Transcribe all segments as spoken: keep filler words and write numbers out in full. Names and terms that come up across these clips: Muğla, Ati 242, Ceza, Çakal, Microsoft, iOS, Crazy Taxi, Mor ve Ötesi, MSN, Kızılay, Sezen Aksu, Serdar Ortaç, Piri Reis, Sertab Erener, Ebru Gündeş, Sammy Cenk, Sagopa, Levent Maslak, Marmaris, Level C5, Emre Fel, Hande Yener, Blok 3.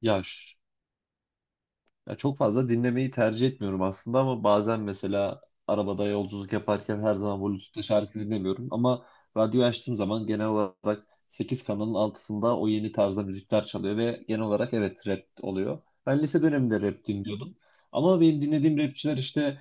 Ya, ş- ya çok fazla dinlemeyi tercih etmiyorum aslında ama bazen mesela arabada yolculuk yaparken her zaman Bluetooth'ta şarkı dinlemiyorum ama radyoyu açtığım zaman genel olarak sekiz kanalın altısında o yeni tarzda müzikler çalıyor ve genel olarak evet rap oluyor. Ben lise döneminde rap dinliyordum ama benim dinlediğim rapçiler işte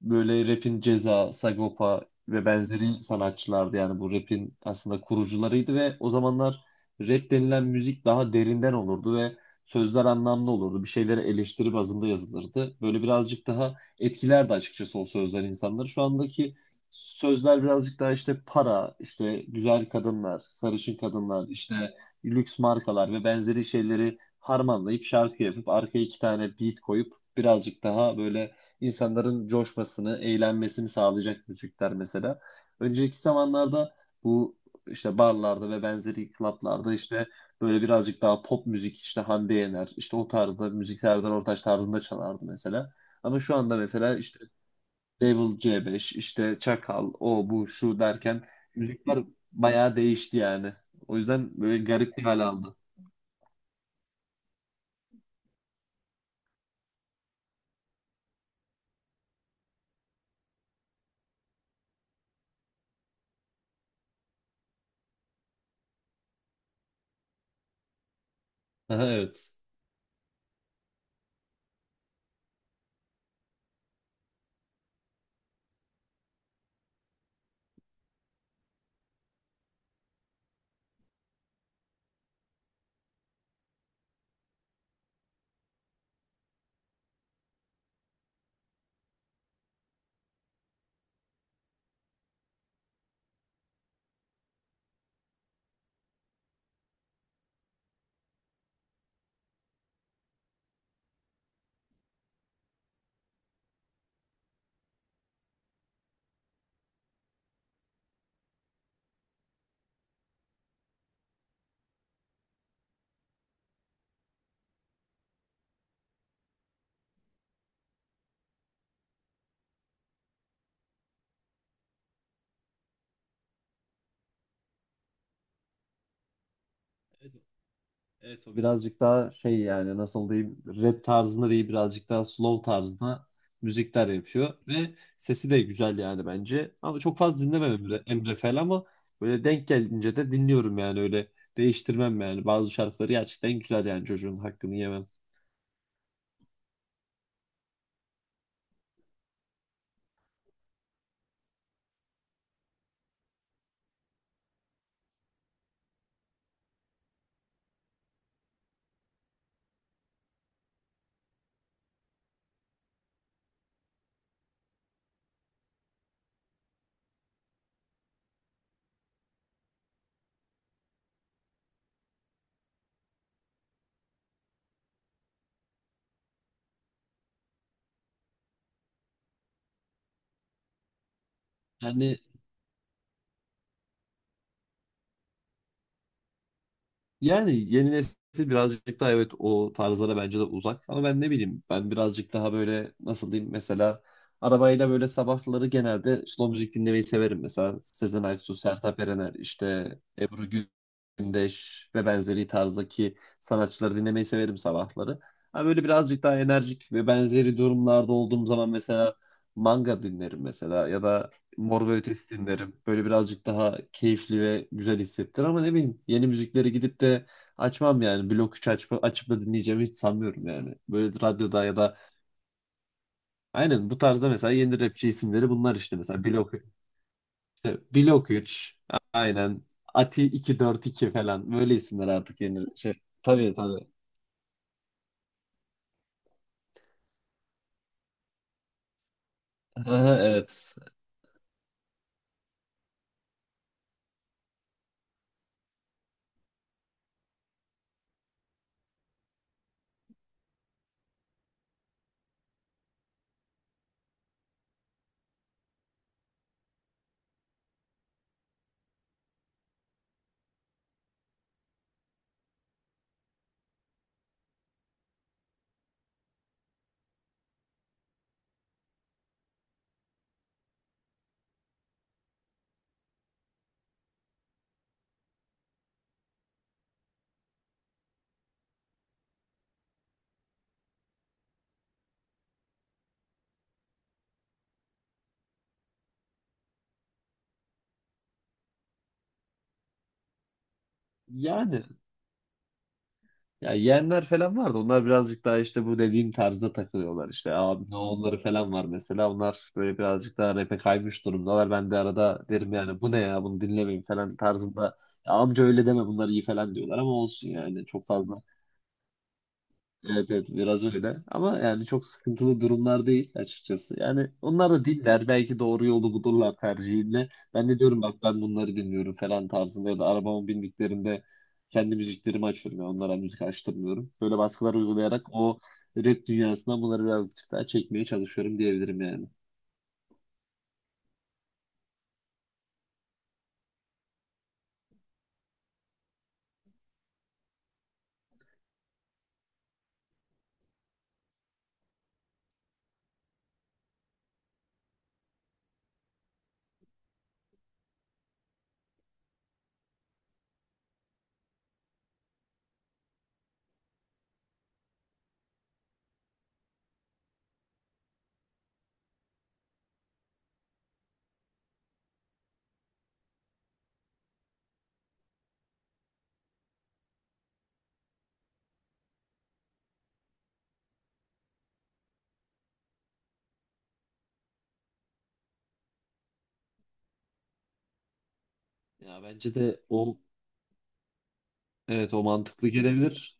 böyle rapin Ceza, Sagopa ve benzeri sanatçılardı yani bu rapin aslında kurucularıydı ve o zamanlar rap denilen müzik daha derinden olurdu ve sözler anlamlı olurdu. Bir şeyleri eleştiri bazında yazılırdı. Böyle birazcık daha etkilerdi açıkçası o sözler insanları. Şu andaki sözler birazcık daha işte para, işte güzel kadınlar, sarışın kadınlar, işte lüks markalar ve benzeri şeyleri harmanlayıp şarkı yapıp arkaya iki tane beat koyup birazcık daha böyle insanların coşmasını, eğlenmesini sağlayacak müzikler mesela. Önceki zamanlarda bu işte barlarda ve benzeri klaplarda işte böyle birazcık daha pop müzik işte Hande Yener işte o tarzda müzik Serdar Ortaç tarzında çalardı mesela. Ama şu anda mesela işte Level C beş işte Çakal o bu şu derken müzikler bayağı değişti yani. O yüzden böyle garip bir hal aldı. Aha, evet. Evet, o birazcık daha şey yani nasıl diyeyim rap tarzında değil birazcık daha slow tarzında müzikler yapıyor ve sesi de güzel yani bence. Ama çok fazla dinlemem Emre, Emre Fel ama böyle denk gelince de dinliyorum yani öyle değiştirmem yani bazı şarkıları gerçekten güzel yani çocuğun hakkını yemem. Yani Yani yeni nesil birazcık daha evet o tarzlara bence de uzak. Ama ben ne bileyim, ben birazcık daha böyle nasıl diyeyim mesela arabayla böyle sabahları genelde slow müzik dinlemeyi severim. Mesela Sezen Aksu, Sertab Erener, işte Ebru Gündeş ve benzeri tarzdaki sanatçıları dinlemeyi severim sabahları. Ama böyle birazcık daha enerjik ve benzeri durumlarda olduğum zaman mesela manga dinlerim mesela ya da Mor ve Ötesi dinlerim. Böyle birazcık daha keyifli ve güzel hissettir ama ne bileyim yeni müzikleri gidip de açmam yani. Blok üç açıp, açıp da dinleyeceğimi hiç sanmıyorum yani. Böyle radyoda ya da aynen bu tarzda mesela yeni rapçi isimleri bunlar işte mesela Blok, işte Blok üç, aynen Ati iki yüz kırk iki falan böyle isimler artık yeni şey. Tabii, tabii. Evet. Yani ya yeğenler falan vardı. Onlar birazcık daha işte bu dediğim tarzda takılıyorlar. İşte abi ne onları falan var mesela. Onlar böyle birazcık daha rap'e kaymış durumdalar. Ben de arada derim yani bu ne ya bunu dinlemeyin falan tarzında. Ya amca öyle deme bunlar iyi falan diyorlar ama olsun yani. Çok fazla evet, evet, biraz öyle ama yani çok sıkıntılı durumlar değil açıkçası. Yani onlar da dinler belki doğru yolu bulurlar tercihinde. Ben de diyorum bak ben bunları dinliyorum falan tarzında ya da arabama bindiklerinde kendi müziklerimi açıyorum. Yani onlara müzik açtırmıyorum. Böyle baskılar uygulayarak o rap dünyasından bunları birazcık daha çekmeye çalışıyorum diyebilirim yani. Ya bence de o, evet o mantıklı gelebilir.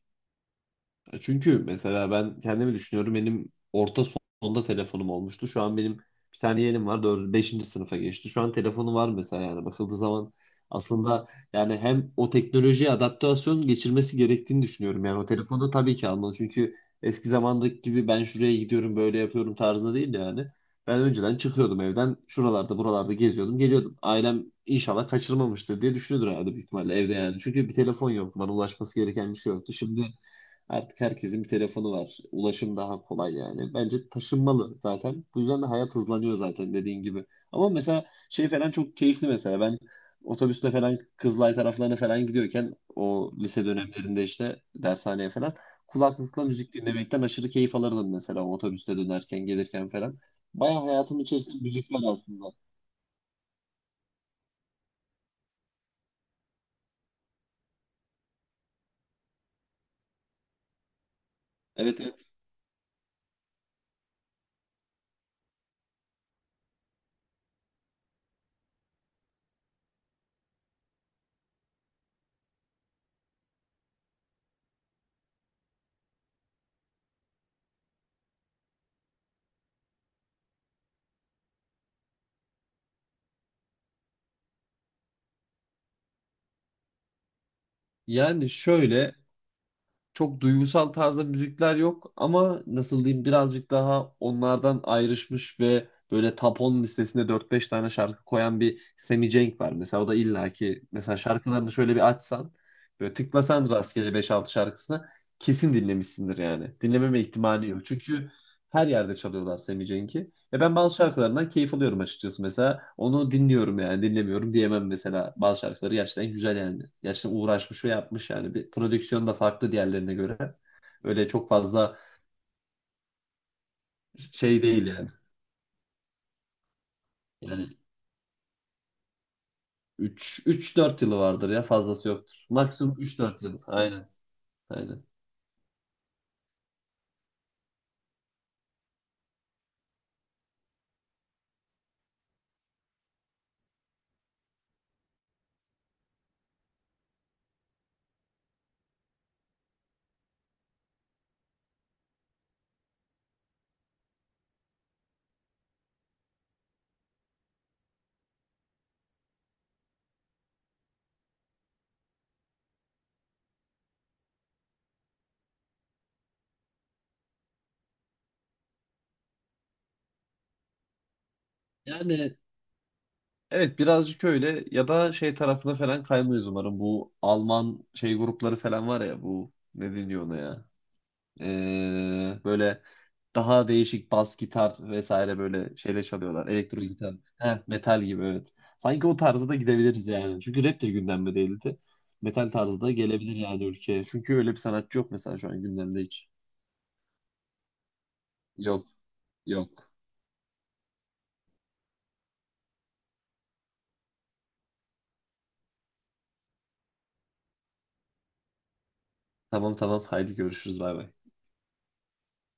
E, Çünkü mesela ben kendimi düşünüyorum. Benim orta sonda telefonum olmuştu. Şu an benim bir tane yeğenim var. dört, beşinci sınıfa geçti. Şu an telefonu var mesela yani bakıldığı zaman aslında yani hem o teknolojiye adaptasyon geçirmesi gerektiğini düşünüyorum. Yani o telefonu tabii ki almalı. Çünkü eski zamandaki gibi ben şuraya gidiyorum böyle yapıyorum tarzında değil yani. Ben önceden çıkıyordum evden. Şuralarda buralarda geziyordum geliyordum. Ailem inşallah kaçırmamıştır diye düşünüyordur herhalde büyük ihtimalle evde yani. Çünkü bir telefon yoktu. Bana ulaşması gereken bir şey yoktu. Şimdi artık herkesin bir telefonu var. Ulaşım daha kolay yani. Bence taşınmalı zaten. Bu yüzden de hayat hızlanıyor zaten dediğin gibi. Ama mesela şey falan çok keyifli mesela. Ben otobüste falan Kızılay taraflarına falan gidiyorken o lise dönemlerinde işte dershaneye falan kulaklıkla müzik dinlemekten aşırı keyif alırdım mesela o otobüste dönerken gelirken falan. Bayağı hayatım içerisinde müzik var aslında. Evet, evet. Yani şöyle çok duygusal tarzda müzikler yok ama nasıl diyeyim birazcık daha onlardan ayrışmış ve böyle top on listesinde dört beş tane şarkı koyan bir Sammy Cenk var. Mesela o da illaki mesela şarkılarını şöyle bir açsan böyle tıklasan rastgele beş altı şarkısına kesin dinlemişsindir yani. Dinlememe ihtimali yok. Çünkü her yerde çalıyorlar Sammy Cenk'i. Ve ben bazı şarkılarından keyif alıyorum açıkçası mesela. Onu dinliyorum yani dinlemiyorum diyemem mesela. Bazı şarkıları gerçekten güzel yani. Gerçekten uğraşmış ve yapmış yani. Bir prodüksiyon da farklı diğerlerine göre. Öyle çok fazla şey değil yani. Yani üç üç dört yılı vardır ya fazlası yoktur. Maksimum üç dört yıl. Aynen. Aynen. Yani evet birazcık öyle ya da şey tarafına falan kaymayız umarım. Bu Alman şey grupları falan var ya bu ne deniyor ona ya? Ee, böyle daha değişik bas gitar vesaire böyle şeyle çalıyorlar. Elektro gitar. Heh, metal gibi, evet. Sanki o tarzda da gidebiliriz yani. Çünkü rap de gündemde değildi. Metal tarzı da gelebilir yani ülkeye. Çünkü öyle bir sanatçı yok mesela şu an gündemde hiç. Yok, yok. Tamam, tamam, haydi görüşürüz, bay bay.